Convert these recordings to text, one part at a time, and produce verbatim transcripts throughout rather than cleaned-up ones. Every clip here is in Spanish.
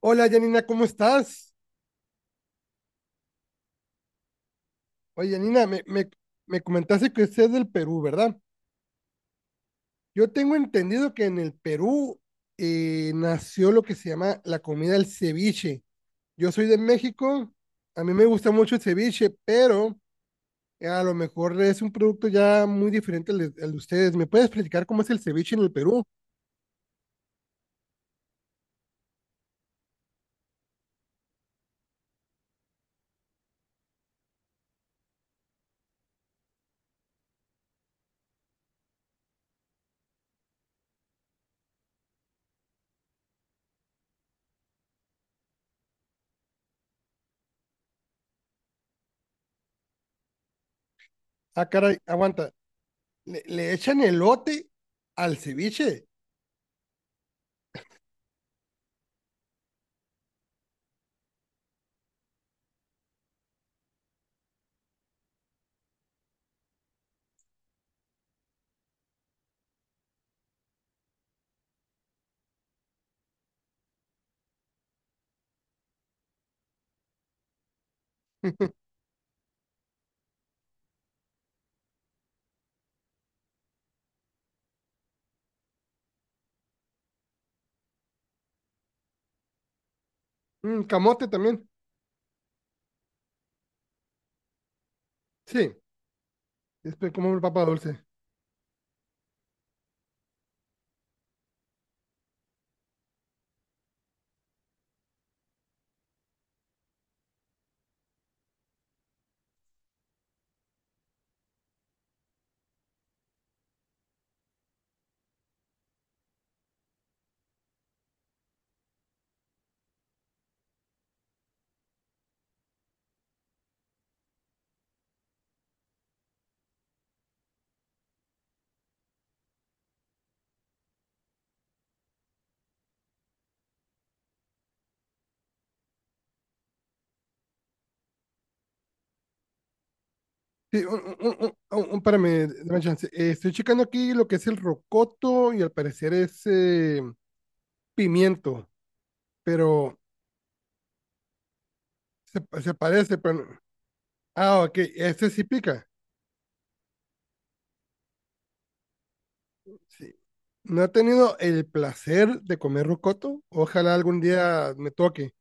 Hola, Janina, ¿cómo estás? Oye, Janina, me, me, me comentaste que usted es del Perú, ¿verdad? Yo tengo entendido que en el Perú eh, nació lo que se llama la comida del ceviche. Yo soy de México, a mí me gusta mucho el ceviche, pero eh, a lo mejor es un producto ya muy diferente al de, al de ustedes. ¿Me puedes platicar cómo es el ceviche en el Perú? Ah, caray, aguanta. ¿Le, le echan elote al ceviche? Mm, camote también. Sí, es pe- como el papa dulce. Sí, un, un- un- un- un- Espérame, dame chance. Eh, estoy checando aquí lo que es el rocoto y al parecer es eh, pimiento, pero se, pa- se parece, pero... no- Ah, ok, este sí pica. Sí. No he tenido el placer de comer rocoto. Ojalá algún día me toque.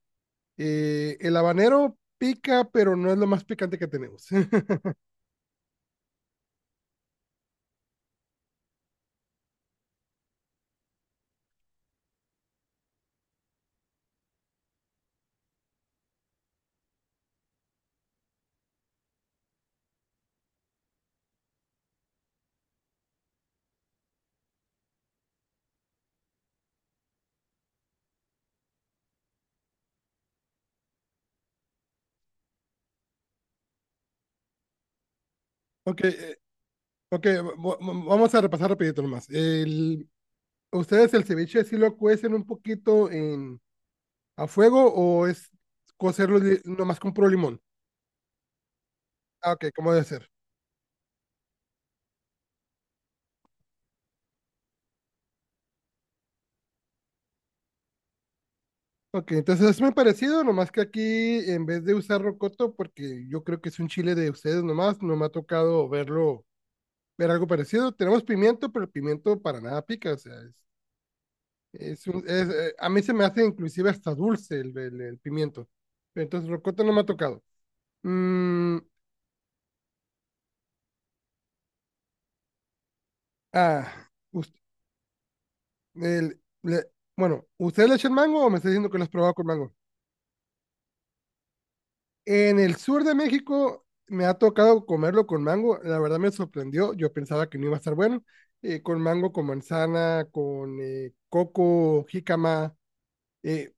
Eh, el habanero pica, pero no es lo más picante que tenemos. Ok, eh, ok, va- va- vamos a repasar rapidito nomás. El, ¿ustedes el ceviche sí lo cuecen un poquito en a fuego o es cocerlo li- nomás con puro limón? Ah, ok, ¿cómo debe ser? Ok, entonces es muy parecido, nomás que aquí en vez de usar rocoto, porque yo creo que es un chile de ustedes nomás, no me ha tocado verlo, ver algo parecido. Tenemos pimiento, pero el pimiento para nada pica, o sea, es, es un- es, eh, a mí se me hace inclusive hasta dulce el, el- el pimiento. Pero entonces rocoto no me ha tocado. Mm, ah, us- el- le- bueno, ¿ustedes le echan mango o me está diciendo que lo has probado con mango? En el sur de México me ha tocado comerlo con mango. La verdad me sorprendió. Yo pensaba que no iba a estar bueno. Eh, con mango, con manzana, con eh, coco, jícama. eh,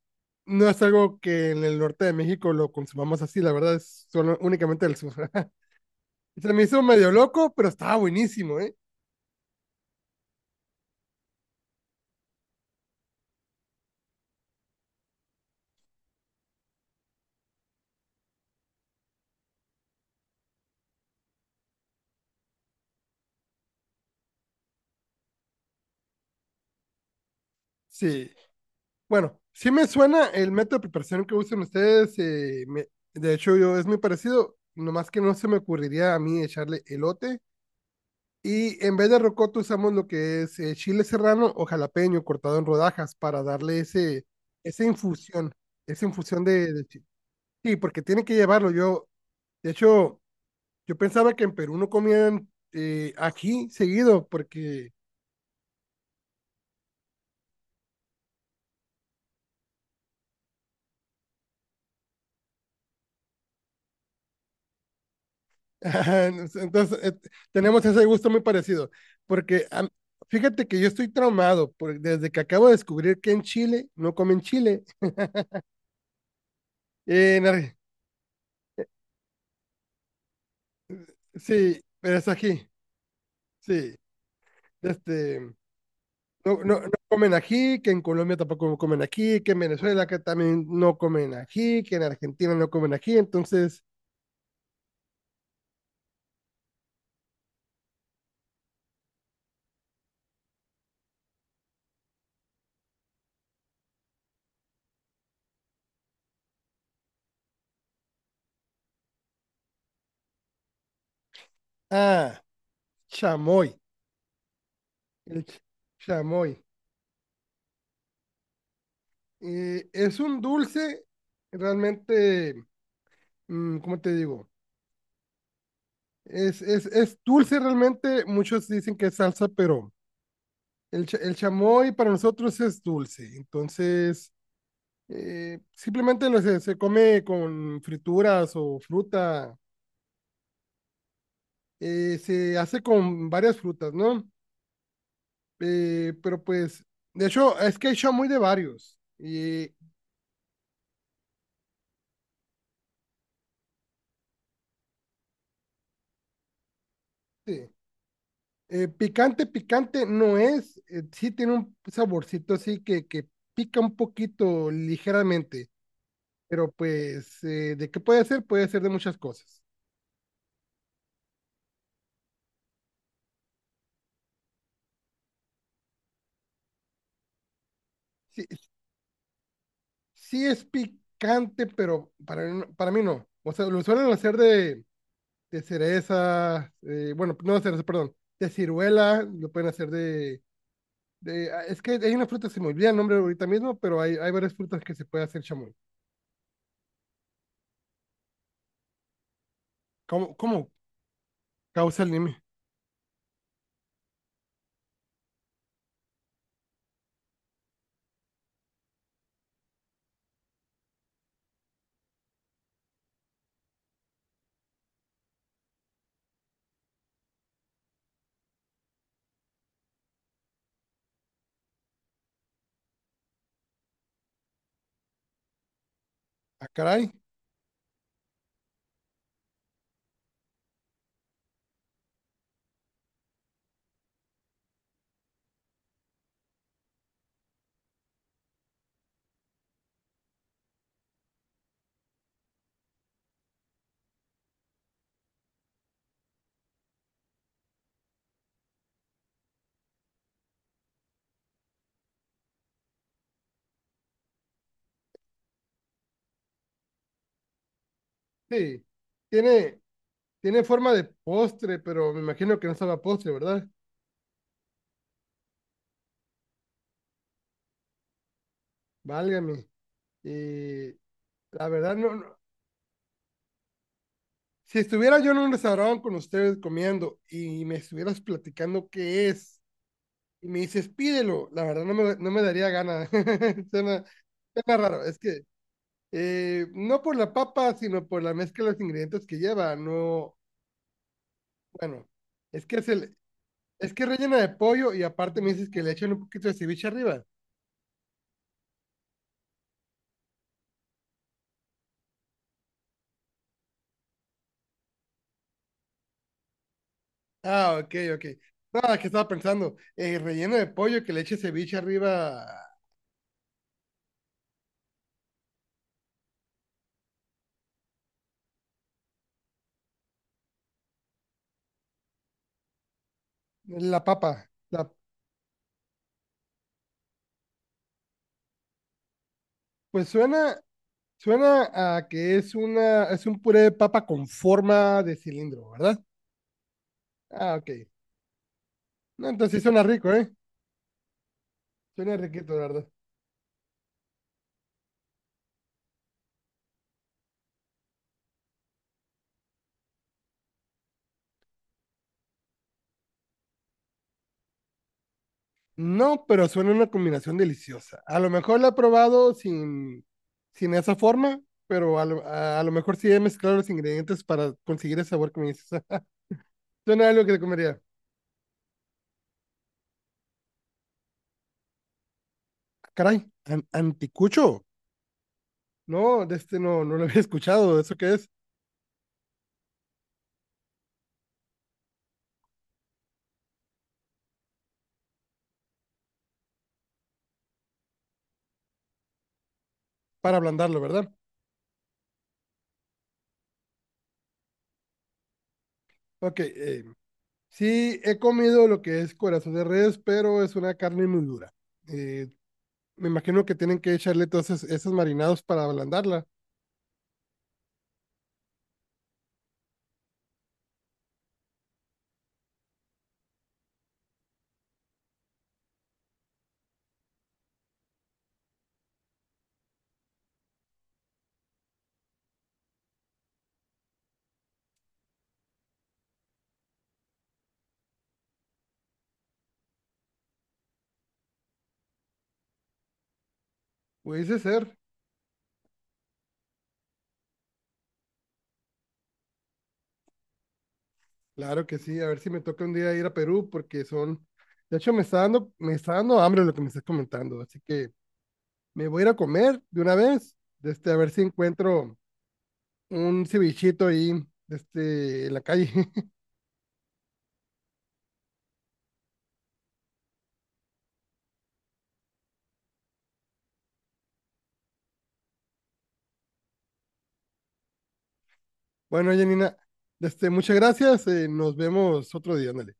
no es algo que en el norte de México lo consumamos así. La verdad es solo, únicamente del sur. Se me hizo medio loco, pero estaba buenísimo, ¿eh? Sí. Bueno, sí me suena el método de preparación que usan ustedes. Eh, me- de hecho, yo es muy parecido. Nomás que no se me ocurriría a mí echarle elote. Y en vez de rocoto usamos lo que es eh, chile serrano o jalapeño cortado en rodajas para darle ese, esa infusión, esa infusión de, de chi- Sí, porque tiene que llevarlo. Yo, de hecho, yo pensaba que en Perú no comían eh, ají seguido porque ajá, entonces eh, tenemos ese gusto muy parecido. Porque am- Fíjate que yo estoy traumado por- desde que acabo de descubrir que en Chile no comen chile. eh, En Arge- sí, pero es ají, sí. Este, No, no, no comen ají, que en Colombia tampoco comen ají, que en Venezuela que también no comen ají, que en Argentina no comen ají. Entonces, ah, chamoy, el ch- chamoy. Eh, es un dulce realmente, mm, ¿cómo te digo? Es, es, es dulce realmente, muchos dicen que es salsa, pero el, cha- el chamoy para nosotros es dulce. Entonces, eh, simplemente lo se, se come con frituras o fruta. Eh, se hace con varias frutas, ¿no? Eh, pero pues, de hecho, es que hay muy de varios. Y sí. Eh, picante, picante no es, eh, sí tiene un saborcito así que, que pica un poquito ligeramente, pero pues, eh, ¿de qué puede ser? Puede ser de muchas cosas. Sí, sí es picante, pero para, mí no- para mí no. O sea, lo suelen hacer de, de cereza, eh, bueno, no de cereza, perdón, de ciruela, lo pueden hacer de, de- ah, es que hay una fruta, se me olvida el nombre ahorita mismo, pero hay, hay varias frutas que se puede hacer chamoy. ¿Cómo, cómo causa el nime? Ah, caray. Sí. Tiene, Tiene forma de postre, pero me imagino que no sabe a postre, ¿verdad? Válgame. Y la verdad, no, no. Si estuviera yo en un restaurante con ustedes comiendo y me estuvieras platicando qué es, y me dices pídelo, la verdad no me, no me daría gana. Suena, Suena raro. Es que Eh, no por la papa, sino por la mezcla de los ingredientes que lleva. No, bueno, es que es el, es que es rellena de pollo y aparte me dices que le echan un poquito de ceviche arriba. Ah, ok, ok. Nada, que estaba pensando, eh, relleno de pollo que le eche ceviche arriba la papa. La- pues suena, suena a que es una, es un puré de papa con forma de cilindro, ¿verdad? Ah, ok. No, entonces sí suena rico, ¿eh? Suena riquito, la verdad. No, pero suena una combinación deliciosa. A lo mejor la he probado sin, sin esa forma, pero a lo, a- a lo mejor sí he mezclado los ingredientes para conseguir el sabor que me dices. Suena algo que te comería. Ah, caray, an- anticucho. No, de este no, no lo había escuchado. ¿Eso qué es? Para ablandarlo, ¿verdad? Ok, eh, sí he comido lo que es corazón de res, pero es una carne muy dura. Eh, Me imagino que tienen que echarle todos esos, esos marinados para ablandarla. Puede ser. Claro que sí, a ver si me toca un día ir a Perú porque son, de hecho me está dando, me está dando hambre lo que me estás comentando, así que me voy a ir a comer de una vez, de este a ver si encuentro un cevichito ahí, de este en la calle. Bueno, Janina, de este muchas gracias, eh, nos vemos otro día, ándale.